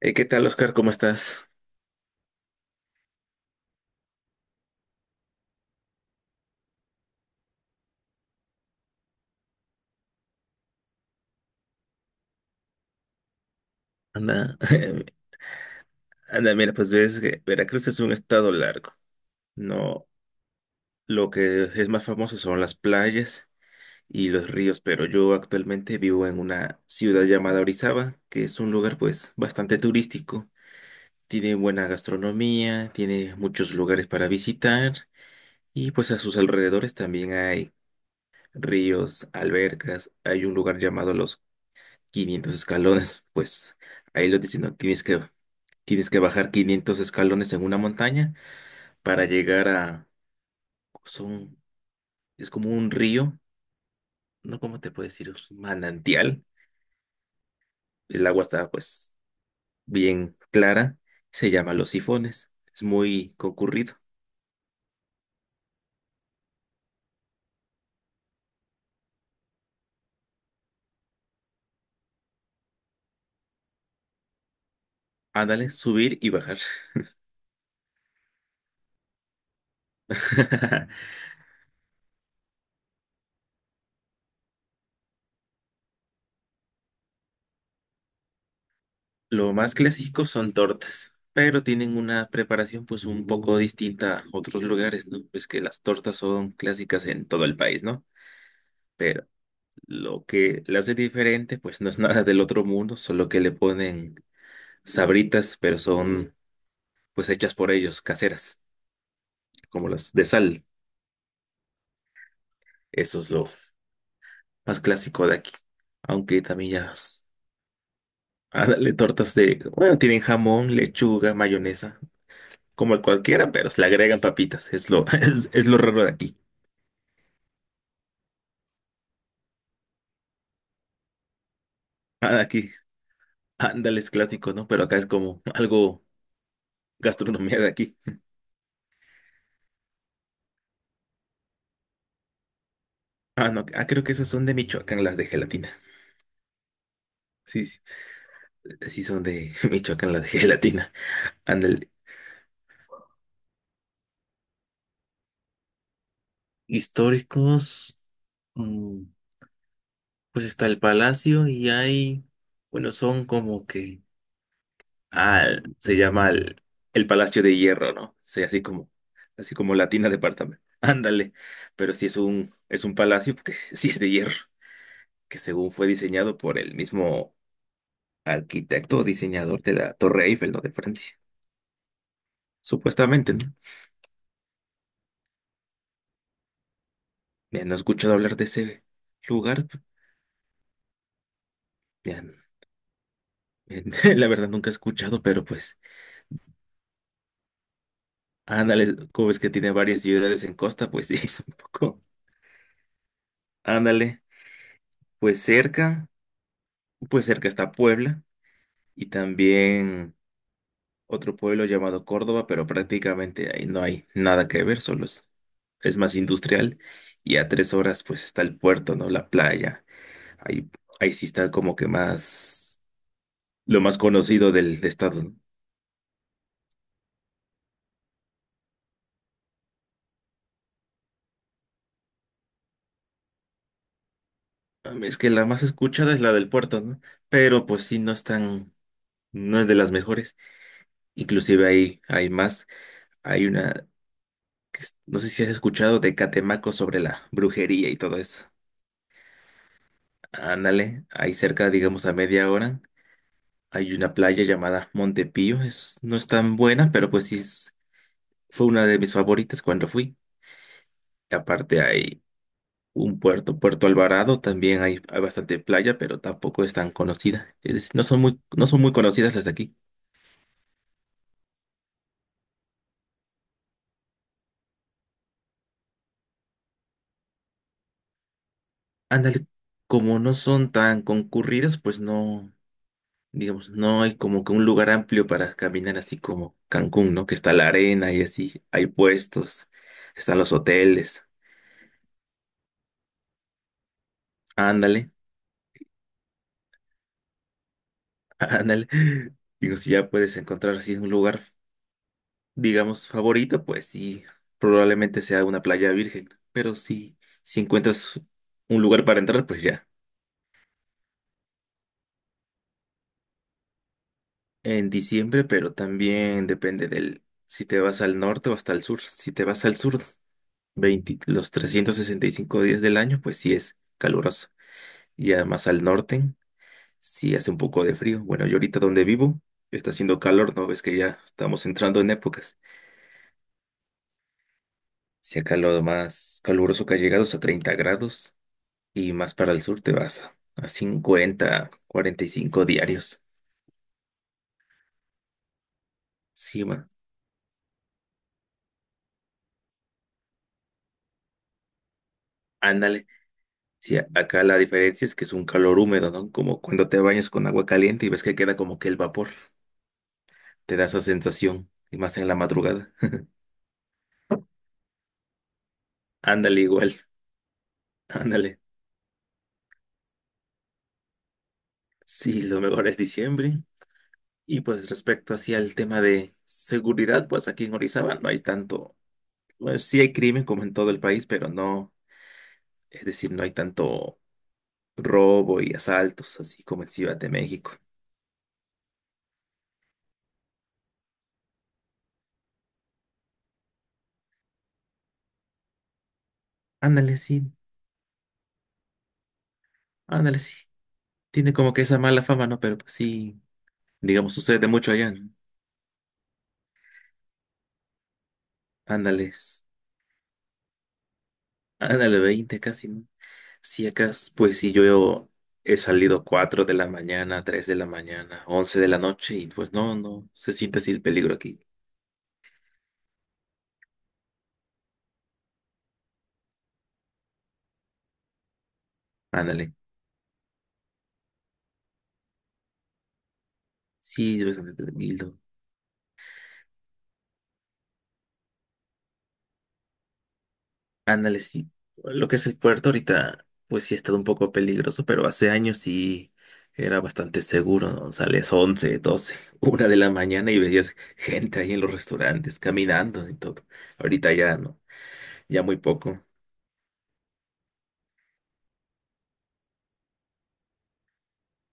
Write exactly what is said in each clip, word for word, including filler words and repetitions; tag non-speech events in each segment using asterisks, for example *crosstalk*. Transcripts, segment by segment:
Eh, ¿qué tal, Oscar? ¿Cómo estás? Anda, *laughs* anda, mira, pues ves que Veracruz es un estado largo. No, lo que es más famoso son las playas y los ríos, pero yo actualmente vivo en una ciudad llamada Orizaba, que es un lugar pues bastante turístico. Tiene buena gastronomía, tiene muchos lugares para visitar y pues a sus alrededores también hay ríos, albercas, hay un lugar llamado Los quinientos Escalones, pues ahí lo dicen, no tienes que Tienes que bajar quinientos escalones en una montaña para llegar a... Son, es como un río, ¿no? ¿Cómo te puedo decir? Es un manantial. El agua está pues bien clara. Se llama Los Sifones. Es muy concurrido. Ándale, subir y bajar. *laughs* Lo más clásico son tortas, pero tienen una preparación pues un poco distinta a otros lugares, ¿no? Pues que las tortas son clásicas en todo el país, ¿no? Pero lo que la hace diferente, pues no es nada del otro mundo, solo que le ponen sabritas, pero son pues hechas por ellos, caseras, como las de sal. Eso es lo más clásico de aquí. Aunque también ya s- ah, dale tortas de, bueno, tienen jamón, lechuga, mayonesa, como cualquiera, pero se le agregan papitas. Es lo, *laughs* es, es lo raro de aquí. Ah, de aquí, ándale, es clásico, ¿no? Pero acá es como algo gastronomía de aquí. Ah, no, ah, creo que esas son de Michoacán, las de gelatina. Sí, sí. Sí, son de *laughs* Michoacán, la de *laughs* gelatina. Ándale. Históricos, mm, pues está el palacio y hay, bueno, son como que, ah, se llama el, El Palacio de Hierro, ¿no? Sí, así como, así como Latina Department. *laughs* Ándale. Pero sí es un, es un palacio porque *laughs* sí es de hierro, que según fue diseñado por el mismo arquitecto o diseñador de la Torre Eiffel, ¿no? De Francia. Supuestamente, ¿no? Ya no he escuchado hablar de ese lugar. Ya, *laughs* la verdad nunca he escuchado, pero pues, ándale, como ves que tiene varias ciudades en costa, pues *laughs* sí, es un poco. Ándale, pues cerca, pues cerca está Puebla y también otro pueblo llamado Córdoba, pero prácticamente ahí no hay nada que ver, solo es, es más industrial y a tres horas pues está el puerto, ¿no? La playa, ahí, ahí sí está como que más, lo más conocido del estado, ¿no? Es que la más escuchada es la del puerto, ¿no? Pero pues sí, no están no es de las mejores. Inclusive hay, hay más. Hay una, que es- no sé si has escuchado de Catemaco sobre la brujería y todo eso. Ándale, ahí cerca, digamos a media hora, hay una playa llamada Montepío. Es, no es tan buena, pero pues sí es- fue una de mis favoritas cuando fui. Aparte hay un puerto, Puerto Alvarado, también hay, hay bastante playa, pero tampoco es tan conocida. Es decir, no son muy, no son muy conocidas las de aquí. Ándale, como no son tan concurridas, pues no. Digamos, no hay como que un lugar amplio para caminar así como Cancún, ¿no? Que está la arena y así, hay puestos, están los hoteles, ándale, *laughs* ándale. Digo, si ya puedes encontrar así un lugar, digamos, favorito, pues sí, probablemente sea una playa virgen, pero sí, si encuentras un lugar para entrar, pues ya. En diciembre, pero también depende del, si te vas al norte o hasta el sur. Si te vas al sur, veinte los trescientos sesenta y cinco días del año, pues sí es caluroso. Y además al norte sí hace un poco de frío. Bueno, yo ahorita donde vivo está haciendo calor, ¿no? Ves que ya estamos entrando en épocas. Si acá lo más caluroso que ha llegado es a treinta grados y más para el sur te vas a, a cincuenta, cuarenta y cinco diarios. Sí, man, ándale. Sí, a- acá la diferencia es que es un calor húmedo, ¿no? Como cuando te bañas con agua caliente y ves que queda como que el vapor. Te da esa sensación, y más en la madrugada. *laughs* Ándale igual, ándale. Sí, lo mejor es diciembre. Y pues respecto hacia el tema de seguridad, pues aquí en Orizaba no hay tanto, pues sí hay crimen como en todo el país, pero no, es decir, no hay tanto robo y asaltos así como en Ciudad de México. Ándale, sí, ándale, sí. Tiene como que esa mala fama, ¿no? Pero pues sí, digamos, sucede mucho allá, ¿no? Ándale, s- ándale, veinte casi, ¿no? Sí, acá, es, pues sí, yo he salido cuatro de la mañana, tres de la mañana, once de la noche y pues no, no, se siente así el peligro aquí. Ándale. Sí, es bastante tranquilo. Ándale, sí. Lo que es el puerto ahorita, pues sí ha estado un poco peligroso, pero hace años sí era bastante seguro, ¿no? Sales once, doce, *laughs* una de la mañana y veías gente ahí en los restaurantes caminando y todo. Ahorita ya no, ya muy poco.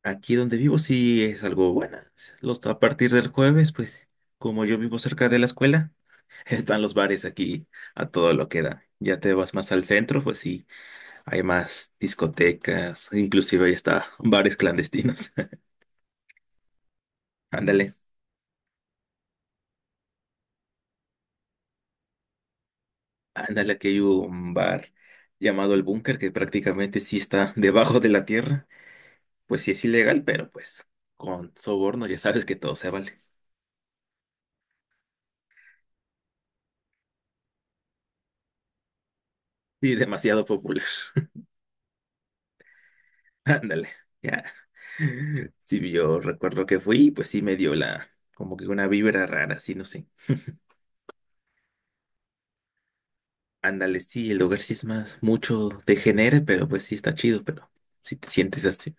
Aquí donde vivo sí es algo buena. Los, a partir del jueves, pues como yo vivo cerca de la escuela, *laughs* están los bares aquí a todo lo que da. Ya te vas más al centro, pues sí. Hay más discotecas, inclusive hay hasta bares clandestinos. *laughs* Ándale, ándale, aquí hay un bar llamado El Búnker que prácticamente sí está *laughs* debajo de la tierra. Pues sí es ilegal, pero pues con soborno ya sabes que todo se vale. Y demasiado popular. *laughs* Ándale, ya. Sí, yo recuerdo que fui, pues sí me dio la, como que una vibra rara, sí, no sé. Ándale, sí, el lugar sí es más, mucho degenere, pero pues sí está chido, pero si te sientes así.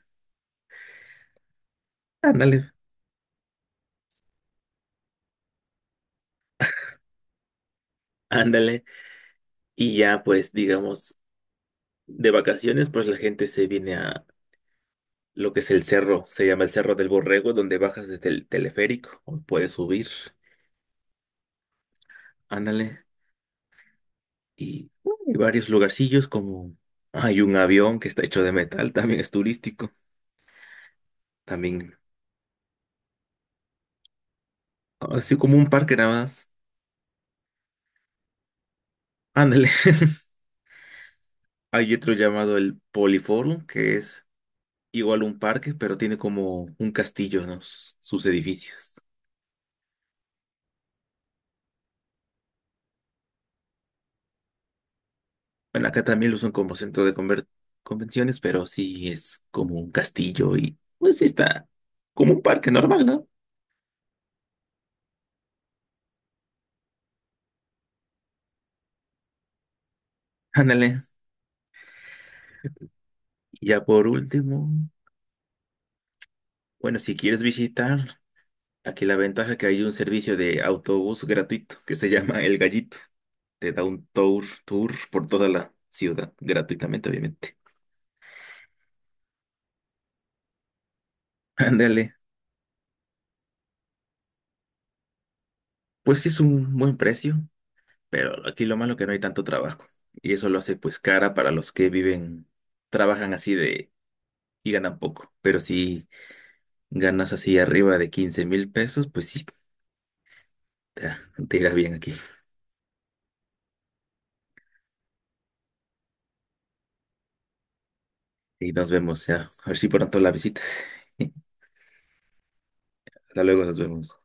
Ándale, ándale. Y ya, pues, digamos, de vacaciones, pues la gente se viene a lo que es el cerro, se llama el Cerro del Borrego, donde bajas desde el teleférico, o puedes subir, ándale. Y hay varios lugarcillos, como hay un avión que está hecho de metal, también es turístico, también, así como un parque nada más, ándale. *laughs* Hay otro llamado el Poliforum, que es igual un parque, pero tiene como un castillo, ¿no? Sus edificios. Bueno, acá también lo usan como centro de conver- convenciones, pero sí es como un castillo y pues sí está como un parque normal, ¿no? Ándale. Y ya por último, bueno, si quieres visitar, aquí la ventaja es que hay un servicio de autobús gratuito que se *laughs* llama El Gallito. Te da un tour, tour por toda la ciudad, gratuitamente, obviamente. Ándale. Pues sí es un buen precio, pero aquí lo malo que no hay tanto trabajo. Y eso lo hace pues cara para los que viven, trabajan así de y ganan poco. Pero si ganas así arriba de quince mil pesos, pues sí, te, te irá bien aquí. Y nos vemos ya. A ver si pronto la visitas. *laughs* Hasta luego, nos vemos.